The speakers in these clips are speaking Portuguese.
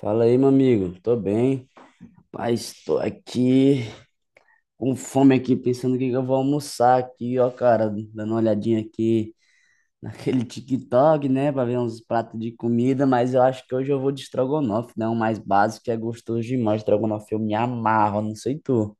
Fala aí, meu amigo. Tô bem. Rapaz, tô aqui com fome aqui, pensando o que que eu vou almoçar aqui, ó, cara. Dando uma olhadinha aqui naquele TikTok, né? Pra ver uns pratos de comida, mas eu acho que hoje eu vou de estrogonofe, né? O mais básico que é gostoso demais. Estrogonofe eu me amarro, não sei tu.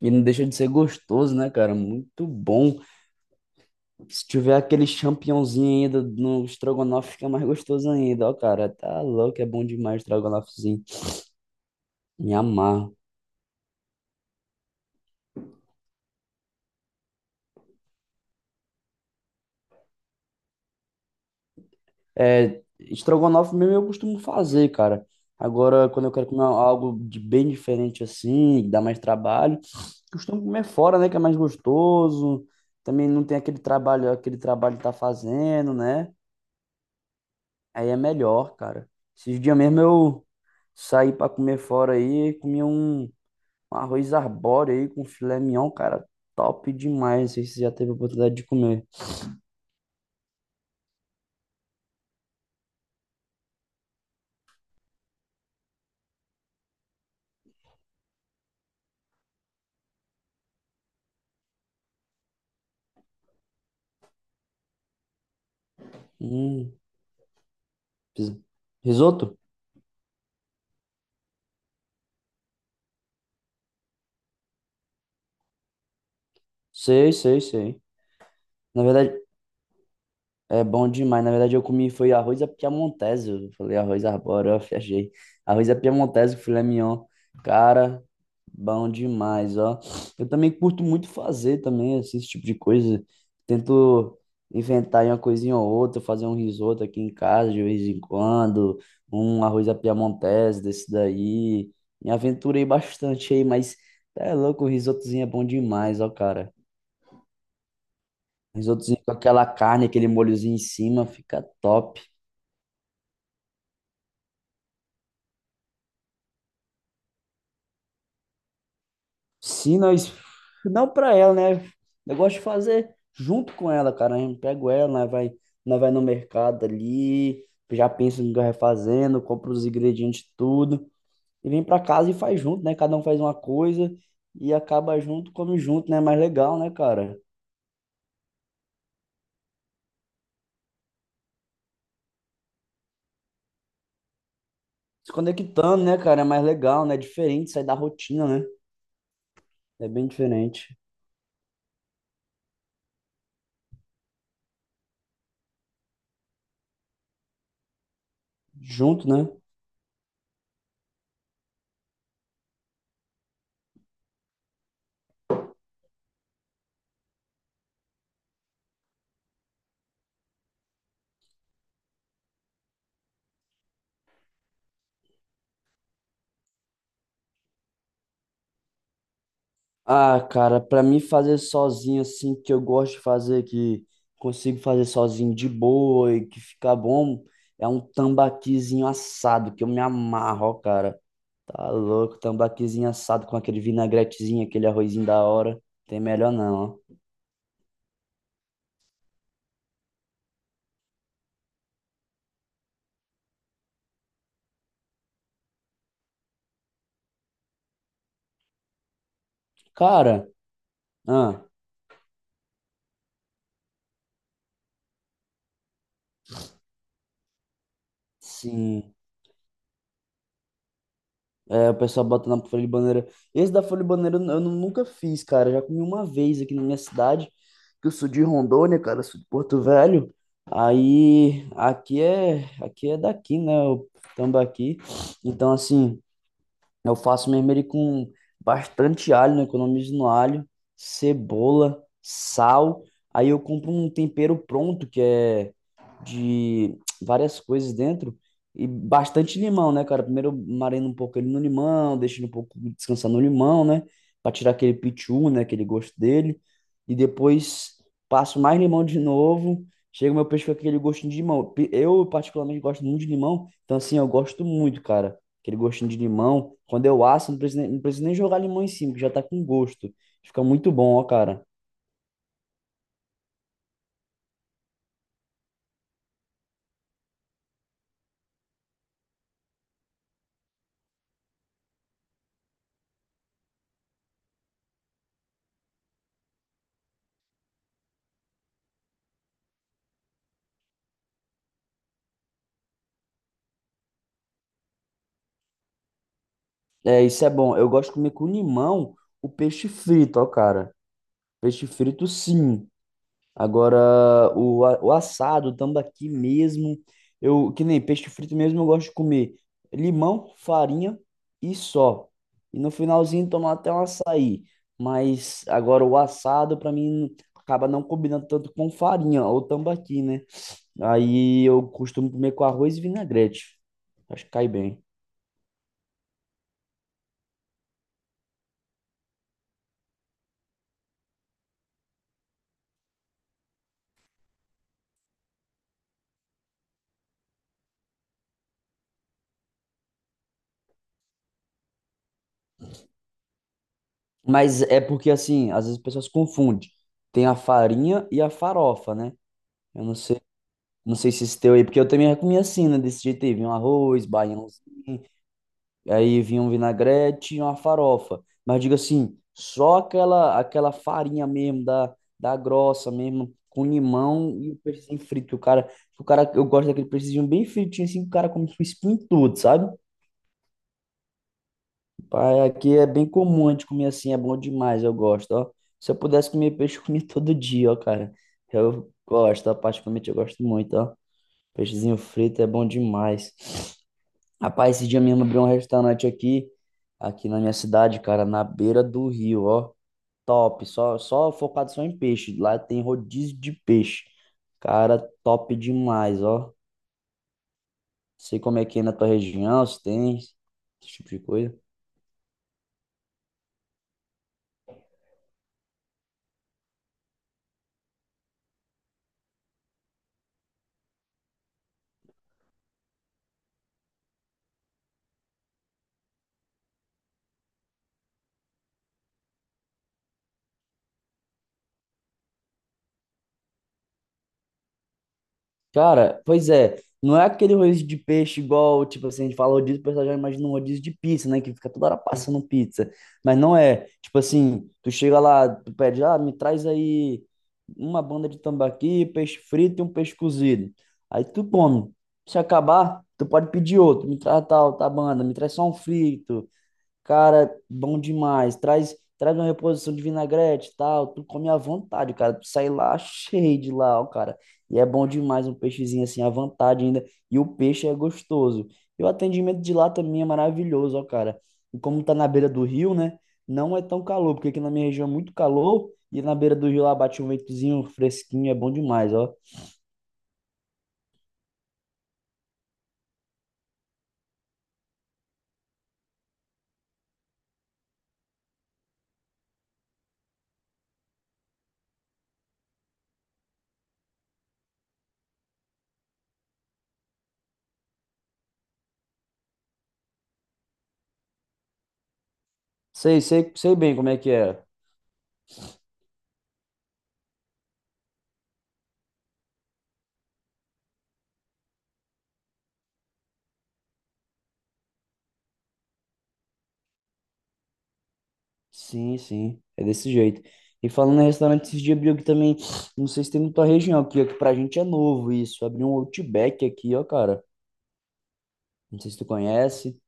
E não deixa de ser gostoso, né, cara? Muito bom. Se tiver aquele champignonzinho ainda no estrogonofe, fica mais gostoso ainda, ó, cara. Tá louco, é bom demais o estrogonofezinho. Me amarro. É, estrogonofe mesmo eu costumo fazer, cara. Agora, quando eu quero comer algo de bem diferente assim, que dá mais trabalho, costumo comer fora, né? Que é mais gostoso. Também não tem aquele trabalho que tá fazendo, né? Aí é melhor, cara. Esses dias mesmo eu saí pra comer fora aí, comi um arroz arbóreo aí com filé mignon, cara. Top demais. Não sei se você já teve a oportunidade de comer. Hum, risoto? Sei, sei, sei. Na verdade, é bom demais. Na verdade, eu comi foi arroz à piamontese. Eu falei arroz arbóreo, eu viajei. Arroz à piamontese, filé mignon. Cara, bom demais, ó. Eu também curto muito fazer também assim, esse tipo de coisa. Tento inventar aí uma coisinha ou outra, fazer um risoto aqui em casa de vez em quando, um arroz à piamontese desse daí. Me aventurei bastante aí, mas tá é louco, o risotozinho é bom demais, ó, cara. Risotozinho com aquela carne, aquele molhozinho em cima, fica top. Se nós. Não pra ela, né? Eu gosto de fazer junto com ela, cara. A gente pega ela, nós vai no mercado ali, já pensa no que vai fazendo, compra os ingredientes, tudo, e vem pra casa e faz junto, né? Cada um faz uma coisa e acaba junto, come junto, né? É mais legal, né, cara? Se conectando, né, cara? É mais legal, né? É diferente, sai da rotina, né? É bem diferente. Junto, né? Ah, cara, pra mim fazer sozinho assim, que eu gosto de fazer, que consigo fazer sozinho de boa e que fica bom, é um tambaquizinho assado, que eu me amarro, ó, cara. Tá louco, tambaquizinho assado com aquele vinagretezinho, aquele arrozinho da hora. Tem melhor não, ó. Cara, ah, sim. É, o pessoal bota na folha de bananeira. Esse da folha de bananeira eu nunca fiz, cara. Eu já comi uma vez aqui na minha cidade, que eu sou de Rondônia, cara, eu sou de Porto Velho. Aí, aqui é daqui, né? O tambaqui. Então, assim, eu faço mesmo ele com bastante alho, né? Economizo no alho, cebola, sal. Aí eu compro um tempero pronto, que é de várias coisas dentro. E bastante limão, né, cara? Primeiro eu marino um pouco ele no limão, deixo ele um pouco descansar no limão, né? Pra tirar aquele pitiu, né? Aquele gosto dele. E depois passo mais limão de novo. Chega o meu peixe com aquele gostinho de limão. Pe- Eu, particularmente, gosto muito de limão. Então, assim, eu gosto muito, cara, aquele gostinho de limão. Quando eu asso, não preciso nem jogar limão em cima, que já tá com gosto. Fica muito bom, ó, cara. É, isso é bom. Eu gosto de comer com limão o peixe frito, ó, cara. Peixe frito, sim. Agora, o, a- o assado, o tambaqui mesmo. Eu, que nem peixe frito mesmo, eu gosto de comer limão, farinha e só. E no finalzinho tomar até um açaí. Mas agora o assado, pra mim, acaba não combinando tanto com farinha ou tambaqui, né? Aí eu costumo comer com arroz e vinagrete. Acho que cai bem. Mas é porque, assim, às vezes as pessoas confundem. Tem a farinha e a farofa, né? Eu não sei, não sei se esse teu aí, porque eu também comia assim, né? Desse jeito aí, vinha um arroz, baiãozinho, aí vinha um vinagrete e uma farofa. Mas digo assim, só aquela farinha mesmo, da, da grossa mesmo, com limão e o peixinho frito. O cara, eu gosto daquele peixinho bem fritinho, assim, que o cara come com espinho tudo, sabe? Pai, aqui é bem comum a gente comer assim, é bom demais, eu gosto, ó. Se eu pudesse comer peixe, eu comia todo dia, ó, cara. Eu gosto, ó, particularmente eu gosto muito, ó. Peixezinho frito é bom demais. Rapaz, esse dia mesmo abriu um restaurante aqui, aqui na minha cidade, cara, na beira do rio, ó. Top, só focado só em peixe. Lá tem rodízio de peixe. Cara, top demais, ó. Sei como é que é na tua região, se tem esse tipo de coisa. Cara, pois é, não é aquele rodízio de peixe igual, tipo assim, a gente fala rodízio, o pessoal já imagina um rodízio de pizza, né? Que fica toda hora passando pizza. Mas não é, tipo assim, tu chega lá, tu pede, ah, me traz aí uma banda de tambaqui, peixe frito e um peixe cozido. Aí tu come. Se acabar, tu pode pedir outro, me traz tal, tá banda, me traz só um frito. Cara, bom demais. Traz, traz uma reposição de vinagrete e tal. Tu come à vontade, cara. Tu sai lá cheio de lá, ó, cara. E é bom demais um peixezinho assim à vontade ainda. E o peixe é gostoso. E o atendimento de lá também é maravilhoso, ó, cara. E como tá na beira do rio, né? Não é tão calor, porque aqui na minha região é muito calor. E na beira do rio lá bate um ventozinho fresquinho. É bom demais, ó. Sei, sei, sei bem como é que é. Sim, sim, é desse jeito. E falando em restaurante, esses dias abriu aqui também, não sei se tem na tua região aqui, ó, que pra gente é novo isso, abriu um Outback aqui, ó, cara, não sei se tu conhece.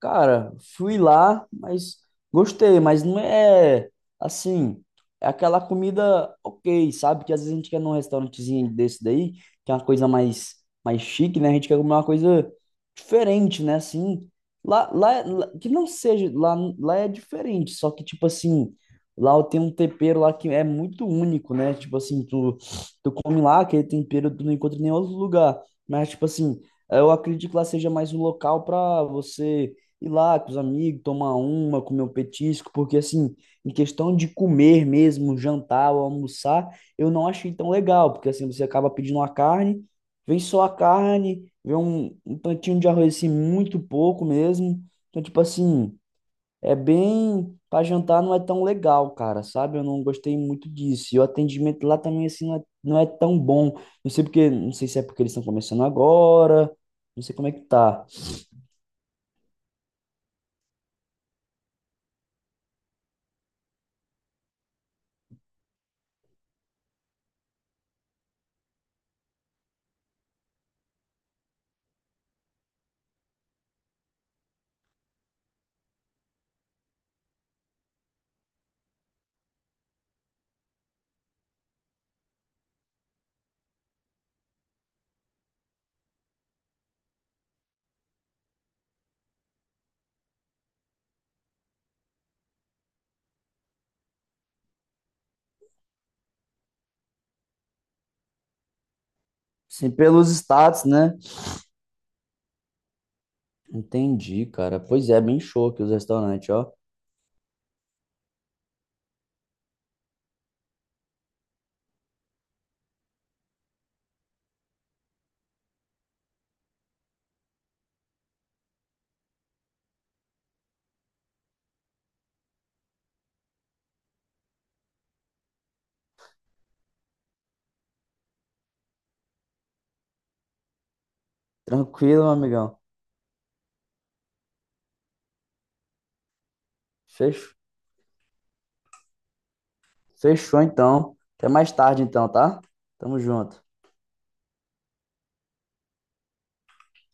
Cara, fui lá, mas gostei, mas não é assim, é aquela comida ok, sabe? Que às vezes a gente quer num restaurantezinho desse daí, que é uma coisa mais, mais chique, né? A gente quer comer uma coisa diferente, né? Assim, lá- que não seja, lá é diferente, só que tipo assim, lá tem um tempero lá que é muito único, né? Tipo assim, tu come lá, aquele tempero tu não encontra em nenhum outro lugar, mas tipo assim, eu acredito que lá seja mais um local pra você ir lá com os amigos, tomar uma, comer um petisco, porque assim, em questão de comer mesmo, jantar ou almoçar, eu não achei tão legal, porque assim, você acaba pedindo uma carne, vem só a carne, vem um, um tantinho de arroz assim, muito pouco mesmo. Então, tipo assim, é bem. Pra jantar não é tão legal, cara, sabe? Eu não gostei muito disso. E o atendimento lá também, assim, não é tão bom. Não sei porque, não sei se é porque eles estão começando agora, não sei como é que tá. Assim, pelos status, né? Entendi, cara. Pois é, bem show aqui os restaurantes, ó. Tranquilo, meu amigão. Fech- Fechou então. Até mais tarde então, tá? Tamo junto.